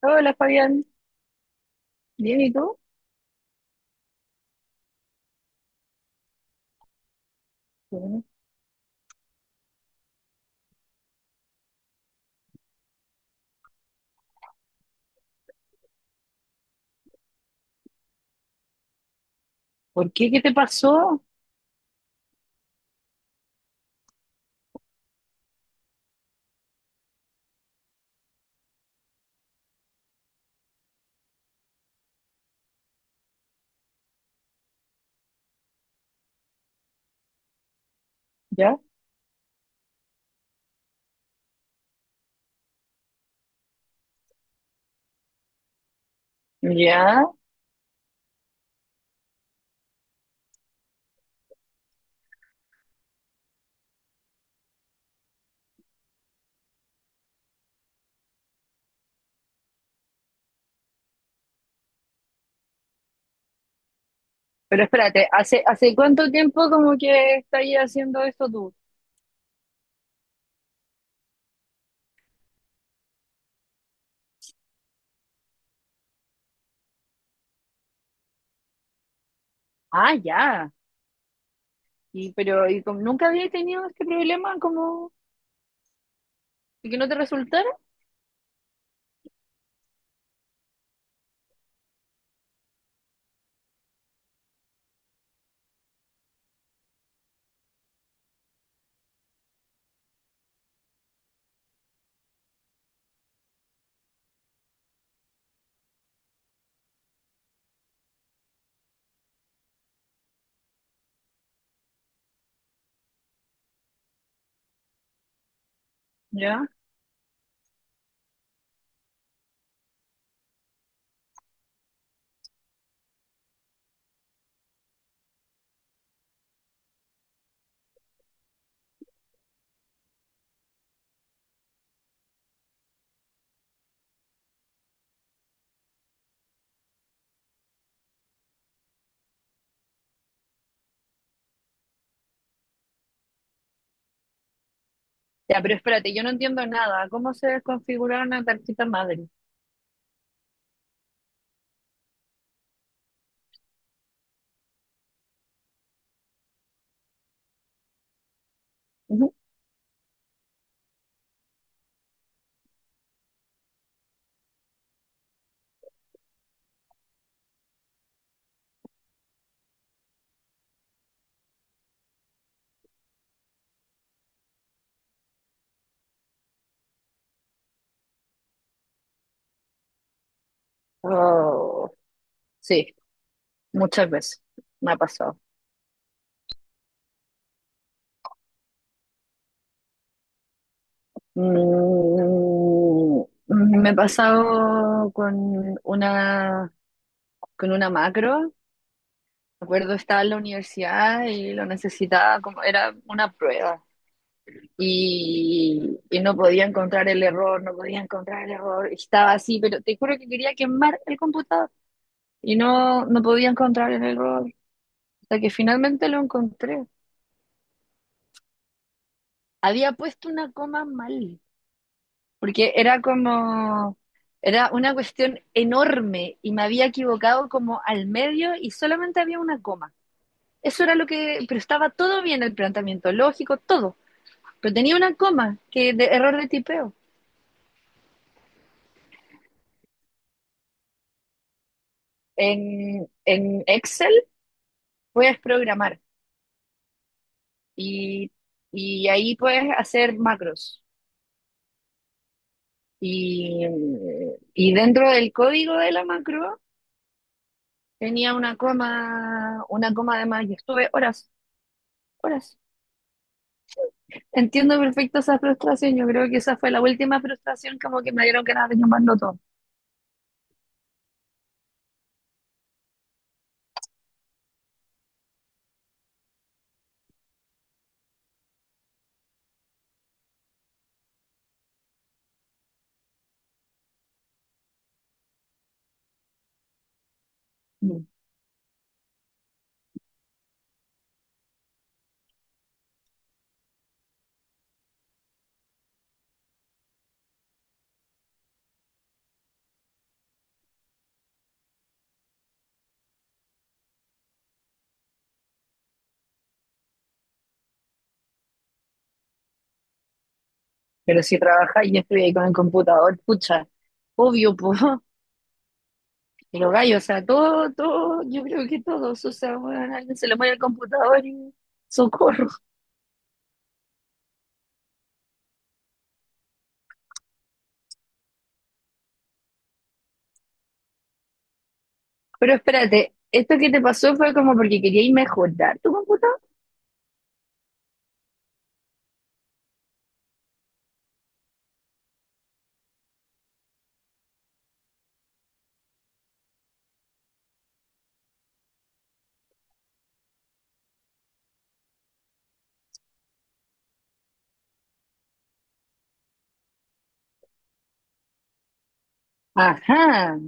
Hola Fabián, bien, ¿y tú? Bueno. ¿Por qué? ¿Qué te pasó? ¿Ya? ¿Ya? Pero espérate, ¿hace cuánto tiempo como que estás haciendo esto tú? Ah, ya. Y pero ¿y como nunca había tenido este problema como de que no te resultara? Ya. Ya, pero espérate, yo no entiendo nada. ¿Cómo se desconfigura una tarjeta madre? Ujú. Oh, sí, muchas veces me ha pasado. Mm, me ha pasado con una macro. Me acuerdo, estaba en la universidad y lo necesitaba, como era una prueba. Y no podía encontrar el error, no podía encontrar el error. Estaba así, pero te juro que quería quemar el computador y no, no podía encontrar el error. Hasta que finalmente lo encontré. Había puesto una coma mal, porque era como, era una cuestión enorme y me había equivocado como al medio y solamente había una coma. Eso era lo que, pero estaba todo bien el planteamiento lógico, todo. Pero tenía una coma que de error de tipeo. En Excel puedes programar y, y ahí puedes hacer macros. Y, y dentro del código de la macro tenía una coma de más y estuve horas, horas. Entiendo perfecto esa frustración. Yo creo que esa fue la última frustración como que me dieron ganas de llamarlo todo. Pero si trabajáis y estoy ahí con el computador, pucha, obvio, pues, pero gallo, o sea, todo, todo, yo creo que todos, o sea, bueno, alguien se le muere el computador y socorro. Pero espérate, esto que te pasó fue como porque queríais mejorar tu computador. Ajá,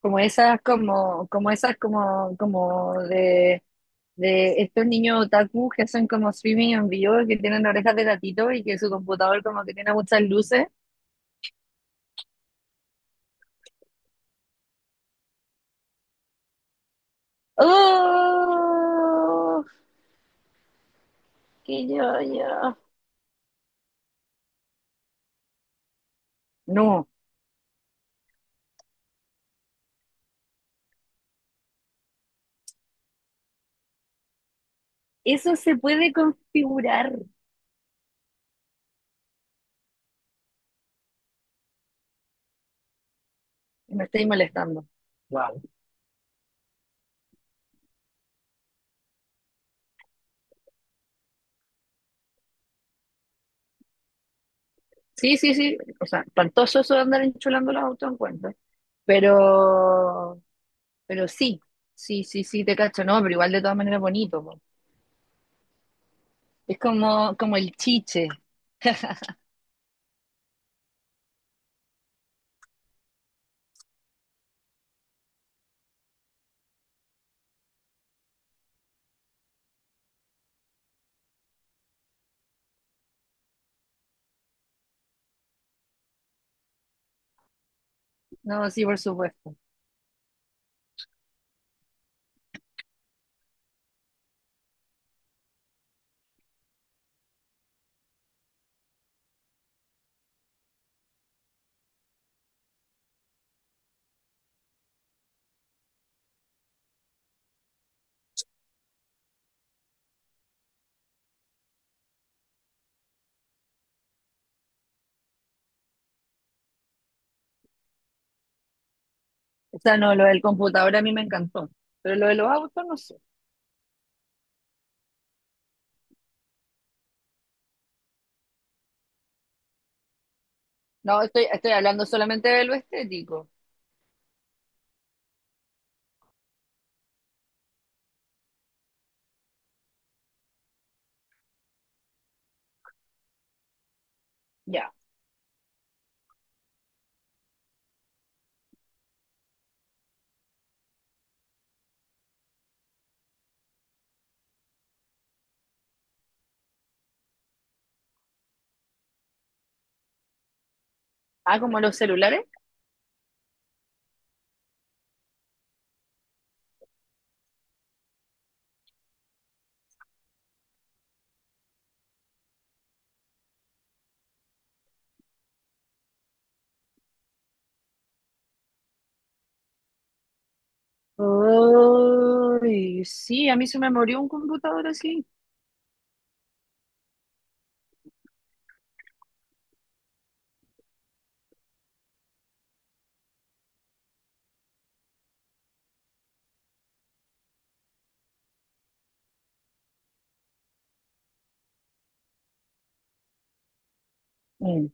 como esas, como, como esas, como, como de estos niños otaku que son como streaming en vivo, que tienen orejas de gatito y que su computador como que tiene muchas luces. ¡Oh! que yo, yo. No, eso se puede configurar. Me estáis molestando. Wow. Sí, sí, sí. O sea, espantoso eso de andar enchulando los autos en cuenta. Pero, pero sí, sí, sí, sí, te cacho, no, pero igual de todas maneras bonito, po. Es como, como el chiche, ¿no? Sí, por supuesto. O sea, no, lo del computador a mí me encantó, pero lo de los autos no sé. No, estoy hablando solamente de lo estético. Ya. Ah, como los celulares. Ay, sí, a mí se me murió un computador así. Mm.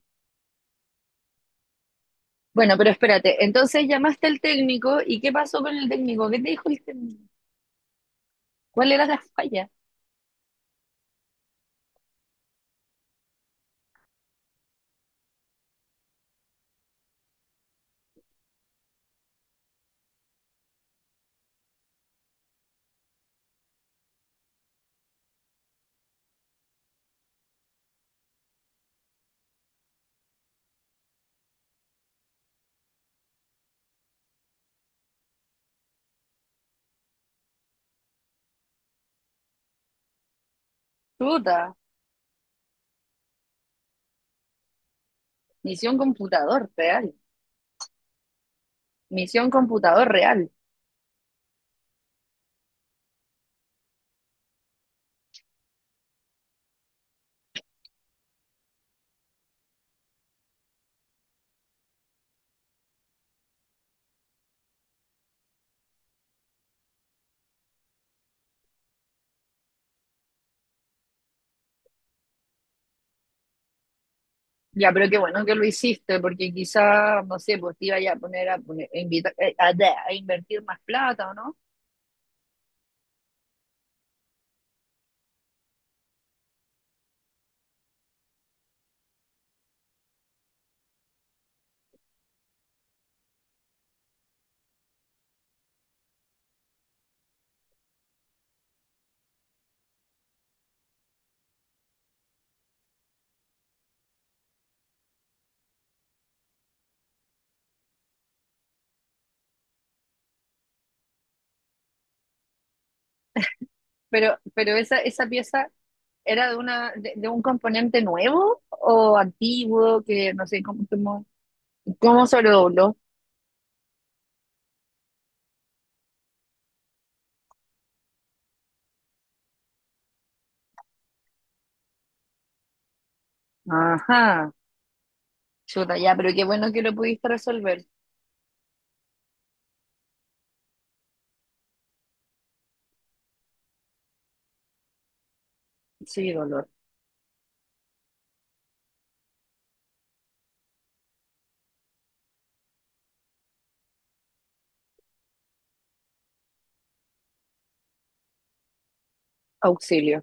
Bueno, pero espérate, entonces llamaste al técnico y ¿qué pasó con el técnico? ¿Qué te dijo el técnico? ¿Cuál era la falla? Puta, misión computador real, misión computador real. Ya, pero qué bueno que lo hiciste, porque quizá, no sé, pues te iba ya a poner a, poner a, invita, a invertir más plata, ¿o no? Pero esa, esa pieza ¿era de una, de un componente nuevo o antiguo que no sé cómo, cómo, cómo se lo sobredobló? Ajá, chuta, ya, pero qué bueno que lo pudiste resolver. Sí, dolor, auxilio.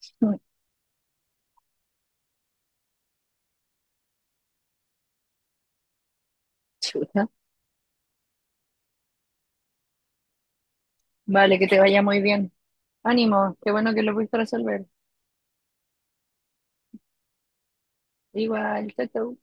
Chuta. Vale, que te vaya muy bien. Ánimo, qué bueno que lo pudiste resolver. Igual, chao, chao.